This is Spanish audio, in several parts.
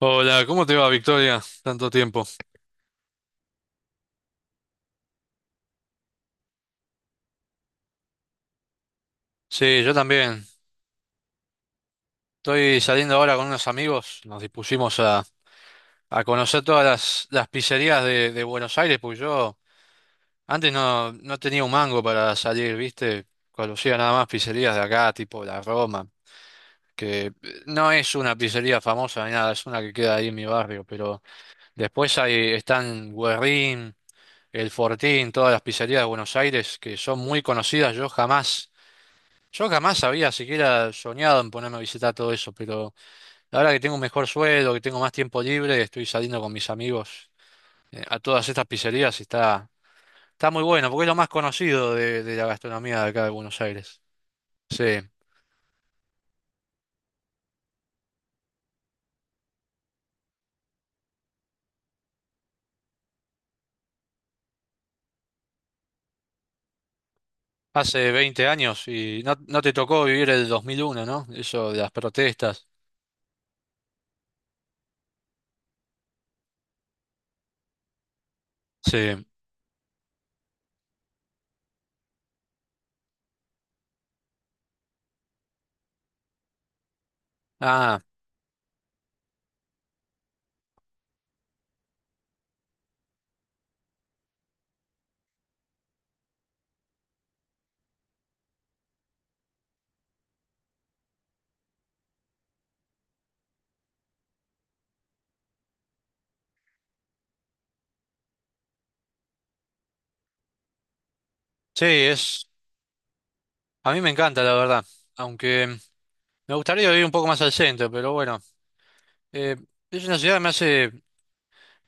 Hola, ¿cómo te va, Victoria? Tanto tiempo. Sí, yo también. Estoy saliendo ahora con unos amigos. Nos dispusimos a conocer todas las pizzerías de Buenos Aires, porque yo antes no, no tenía un mango para salir, ¿viste? Conocía nada más pizzerías de acá, tipo la Roma, que no es una pizzería famosa ni nada, es una que queda ahí en mi barrio, pero después ahí están Guerrín, El Fortín, todas las pizzerías de Buenos Aires que son muy conocidas. Yo jamás había siquiera soñado en ponerme a visitar todo eso, pero ahora que tengo un mejor sueldo, que tengo más tiempo libre, estoy saliendo con mis amigos a todas estas pizzerías y está muy bueno, porque es lo más conocido de la gastronomía de acá de Buenos Aires. Sí, hace 20 años y no, no te tocó vivir el 2001, ¿no? Eso de las protestas. Sí. Ah, sí. A mí me encanta, la verdad, aunque me gustaría vivir un poco más al centro, pero bueno, eh, es una ciudad que me hace.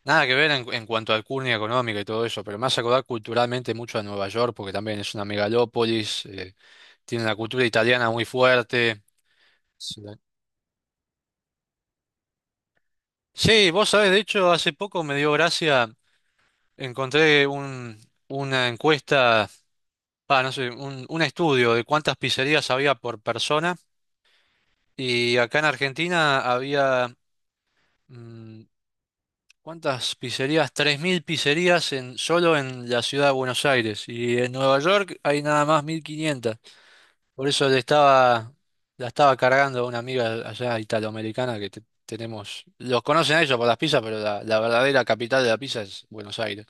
Nada que ver en cuanto al curnia económica y todo eso, pero me hace acordar culturalmente mucho a Nueva York, porque también es una megalópolis, tiene una cultura italiana muy fuerte. Sí, sí, vos sabés, de hecho, hace poco me dio gracia, encontré una encuesta, no sé, un estudio de cuántas pizzerías había por persona, y acá en Argentina había, mm, ¿cuántas pizzerías? 3.000 pizzerías solo en la ciudad de Buenos Aires, y en Nueva York hay nada más 1.500. Por eso la estaba cargando a una amiga allá italoamericana que tenemos. Los conocen a ellos por las pizzas, pero la verdadera capital de la pizza es Buenos Aires.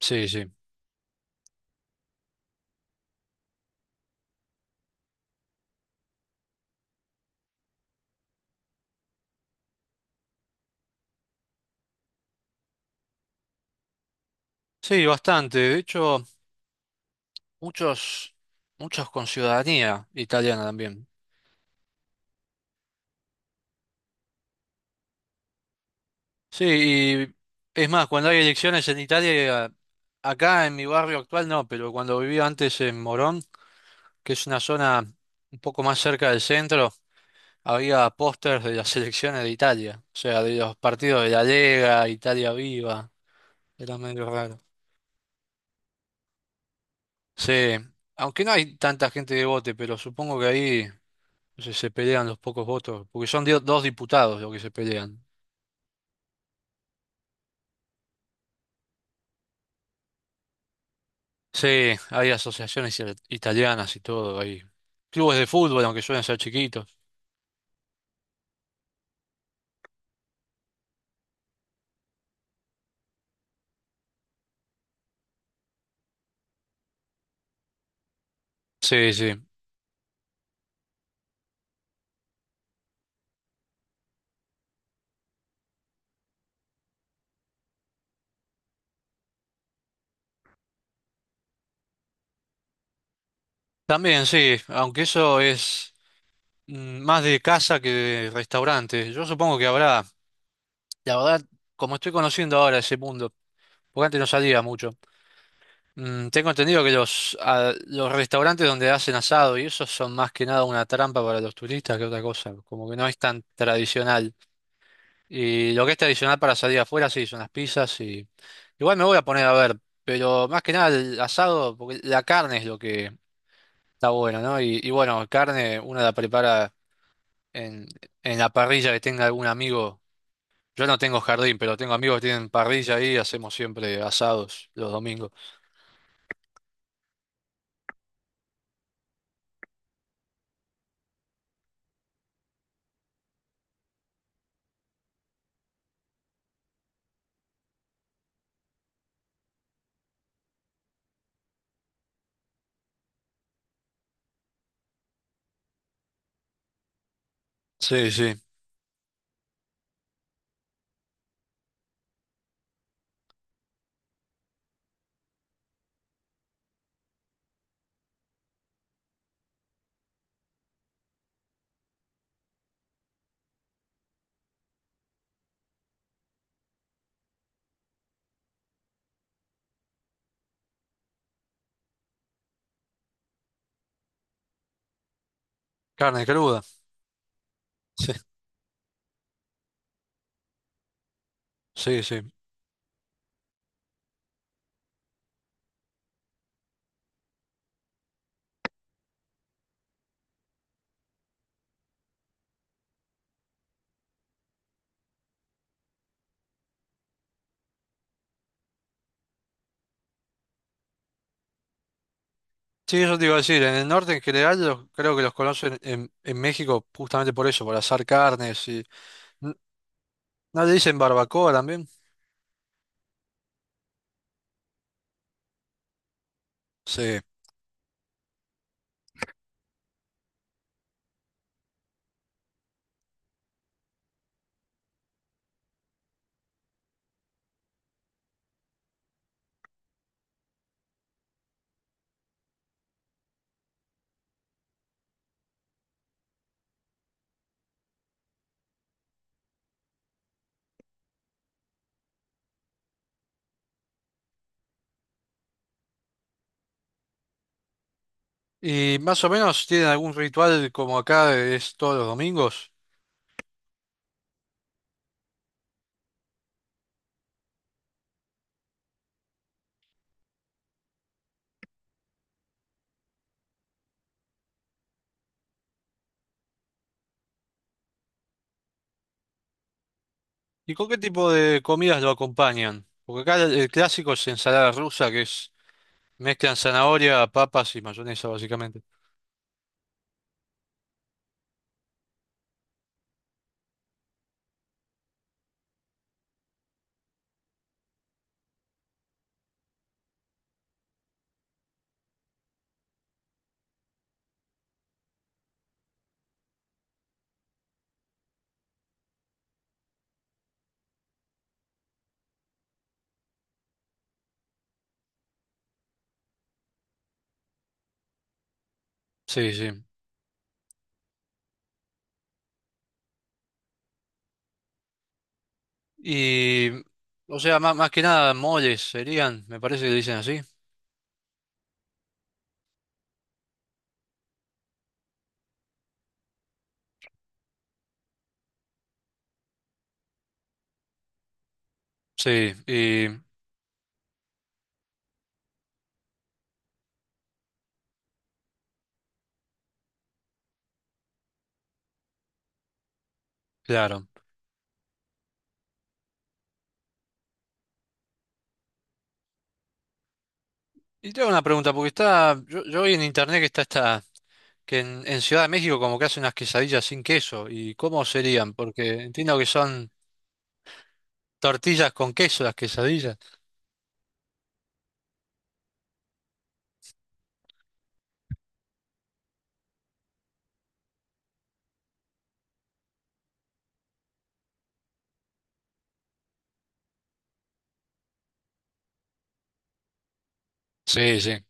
Sí, sí. Sí, bastante. De hecho, muchos, muchos con ciudadanía italiana también. Sí, y es más, cuando hay elecciones en Italia, acá en mi barrio actual no, pero cuando vivía antes en Morón, que es una zona un poco más cerca del centro. Había pósters de las selecciones de Italia, o sea, de los partidos de la Lega, Italia Viva, era medio raro. Sí, aunque no hay tanta gente de vote, pero supongo que ahí no sé, se pelean los pocos votos, porque son dos diputados los que se pelean. Sí, hay asociaciones italianas y todo, hay clubes de fútbol, aunque suelen ser chiquitos. Sí, sí. También sí, aunque eso es más de casa que de restaurante. Yo supongo que habrá, la verdad, como estoy conociendo ahora ese mundo. Porque antes no salía mucho. Tengo entendido que los restaurantes donde hacen asado y eso son más que nada una trampa para los turistas que otra cosa. Como que no es tan tradicional. Y lo que es tradicional para salir afuera, sí, son las pizzas. Igual me voy a poner a ver, pero más que nada el asado, porque la carne es lo que está bueno, ¿no? Y bueno, carne uno la prepara en, en la parrilla que tenga algún amigo. Yo no tengo jardín, pero tengo amigos que tienen parrilla ahí y hacemos siempre asados los domingos. Sí, sí. Carne cruda, sí, sí. Sí, eso te iba a decir, en el norte en general creo que los conocen en México justamente por eso, por asar carnes. n- ¿No le dicen barbacoa también? Sí. ¿Y más o menos tienen algún ritual como acá es todos los domingos? ¿Y con qué tipo de comidas lo acompañan? Porque acá el clásico es ensalada rusa, que es mezclan zanahoria, papas y mayonesa básicamente. Sí, sí. Y, o sea, más, más que nada moles serían, me parece que le dicen así. Sí, y claro. Y tengo una pregunta, porque yo vi en internet que está esta, que en Ciudad de México como que hacen unas quesadillas sin queso. ¿Y cómo serían? Porque entiendo que son tortillas con queso las quesadillas. Sí, sí.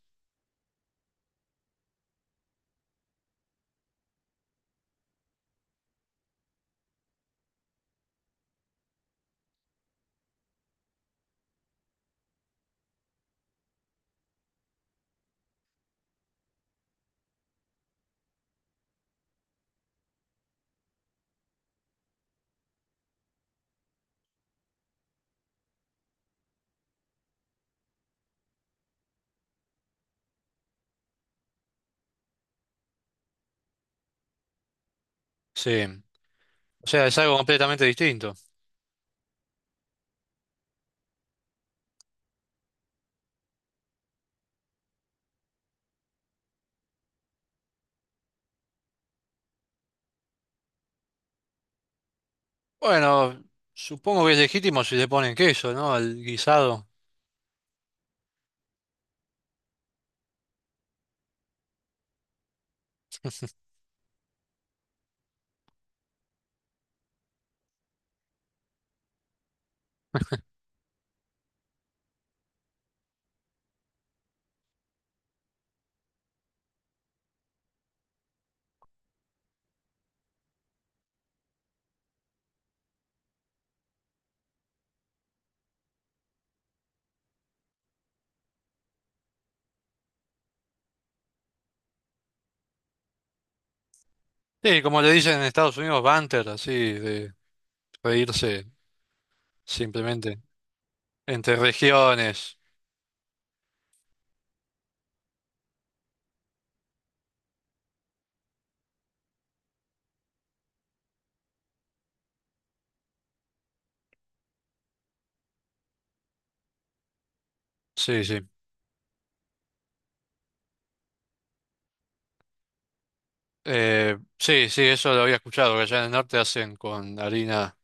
Sí. O sea, es algo completamente distinto. Bueno, supongo que es legítimo si le ponen queso, ¿no? Al guisado. Sí, como le dicen en Estados Unidos, banter, así, de reírse simplemente entre regiones. Sí, sí. Sí, sí, eso lo había escuchado, que allá en el norte hacen con harina,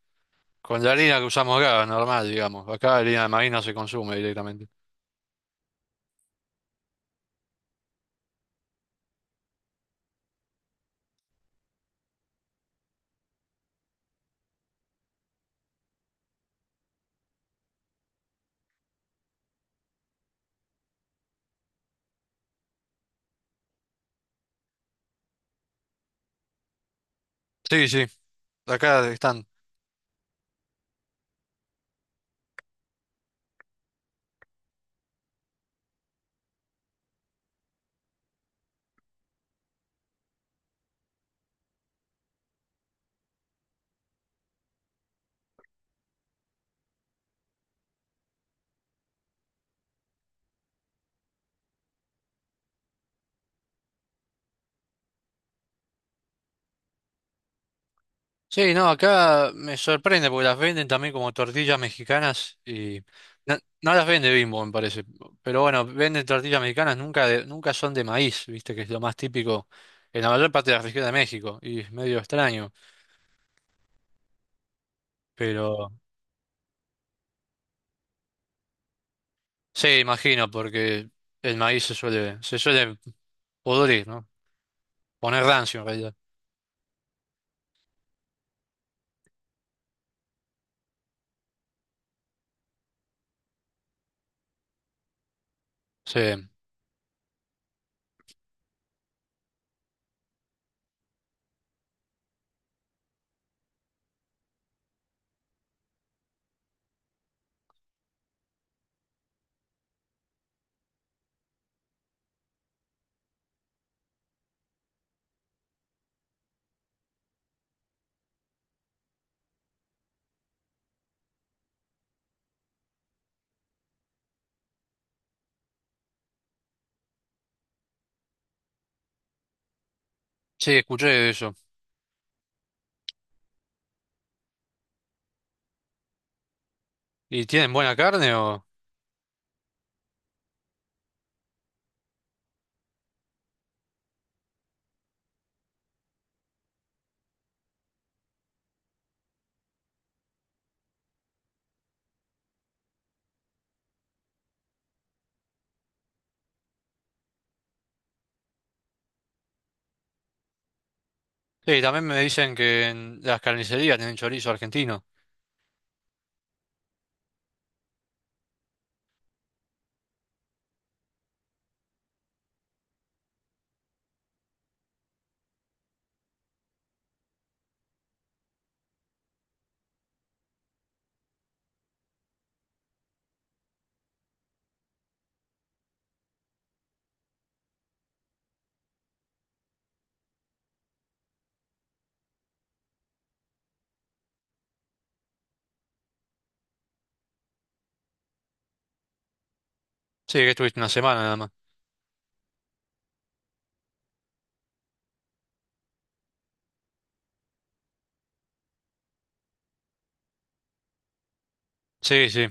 con la harina que usamos acá, normal, digamos. Acá harina de maíz no se consume directamente. Sí, sí, acá están. Sí, no, acá me sorprende porque las venden también como tortillas mexicanas y no, no las vende Bimbo, me parece. Pero bueno, venden tortillas mexicanas, nunca, nunca son de maíz, viste, que es lo más típico en la mayor parte de la región de México y es medio extraño, pero sí, imagino, porque el maíz se suele pudrir, ¿no? Poner rancio en realidad. Sí, sí, escuché eso. ¿Y tienen buena carne o? Sí, también me dicen que en las carnicerías tienen chorizo argentino. Sí, que estuviste una semana nada más. Sí, sí,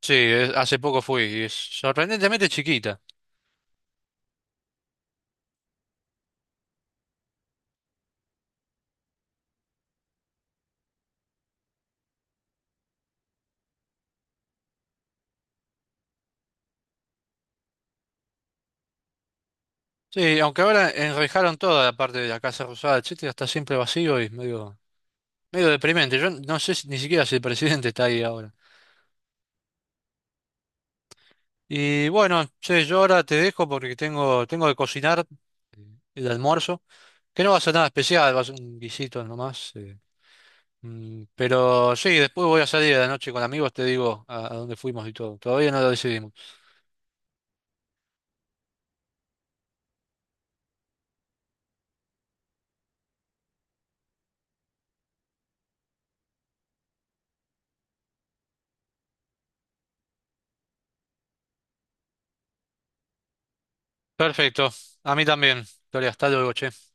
sí, hace poco fui y es sorprendentemente chiquita. Sí, aunque ahora enrejaron toda la parte de la Casa Rosada, etcétera, está siempre vacío y medio, medio deprimente. Yo no sé ni siquiera si el presidente está ahí ahora. Y bueno, che, yo ahora te dejo porque tengo que cocinar el almuerzo. Que no va a ser nada especial, va a ser un guisito nomás. Pero sí, después voy a salir a la noche con amigos, te digo a dónde fuimos y todo. Todavía no lo decidimos. Perfecto, a mí también. Victoria, hasta luego, che.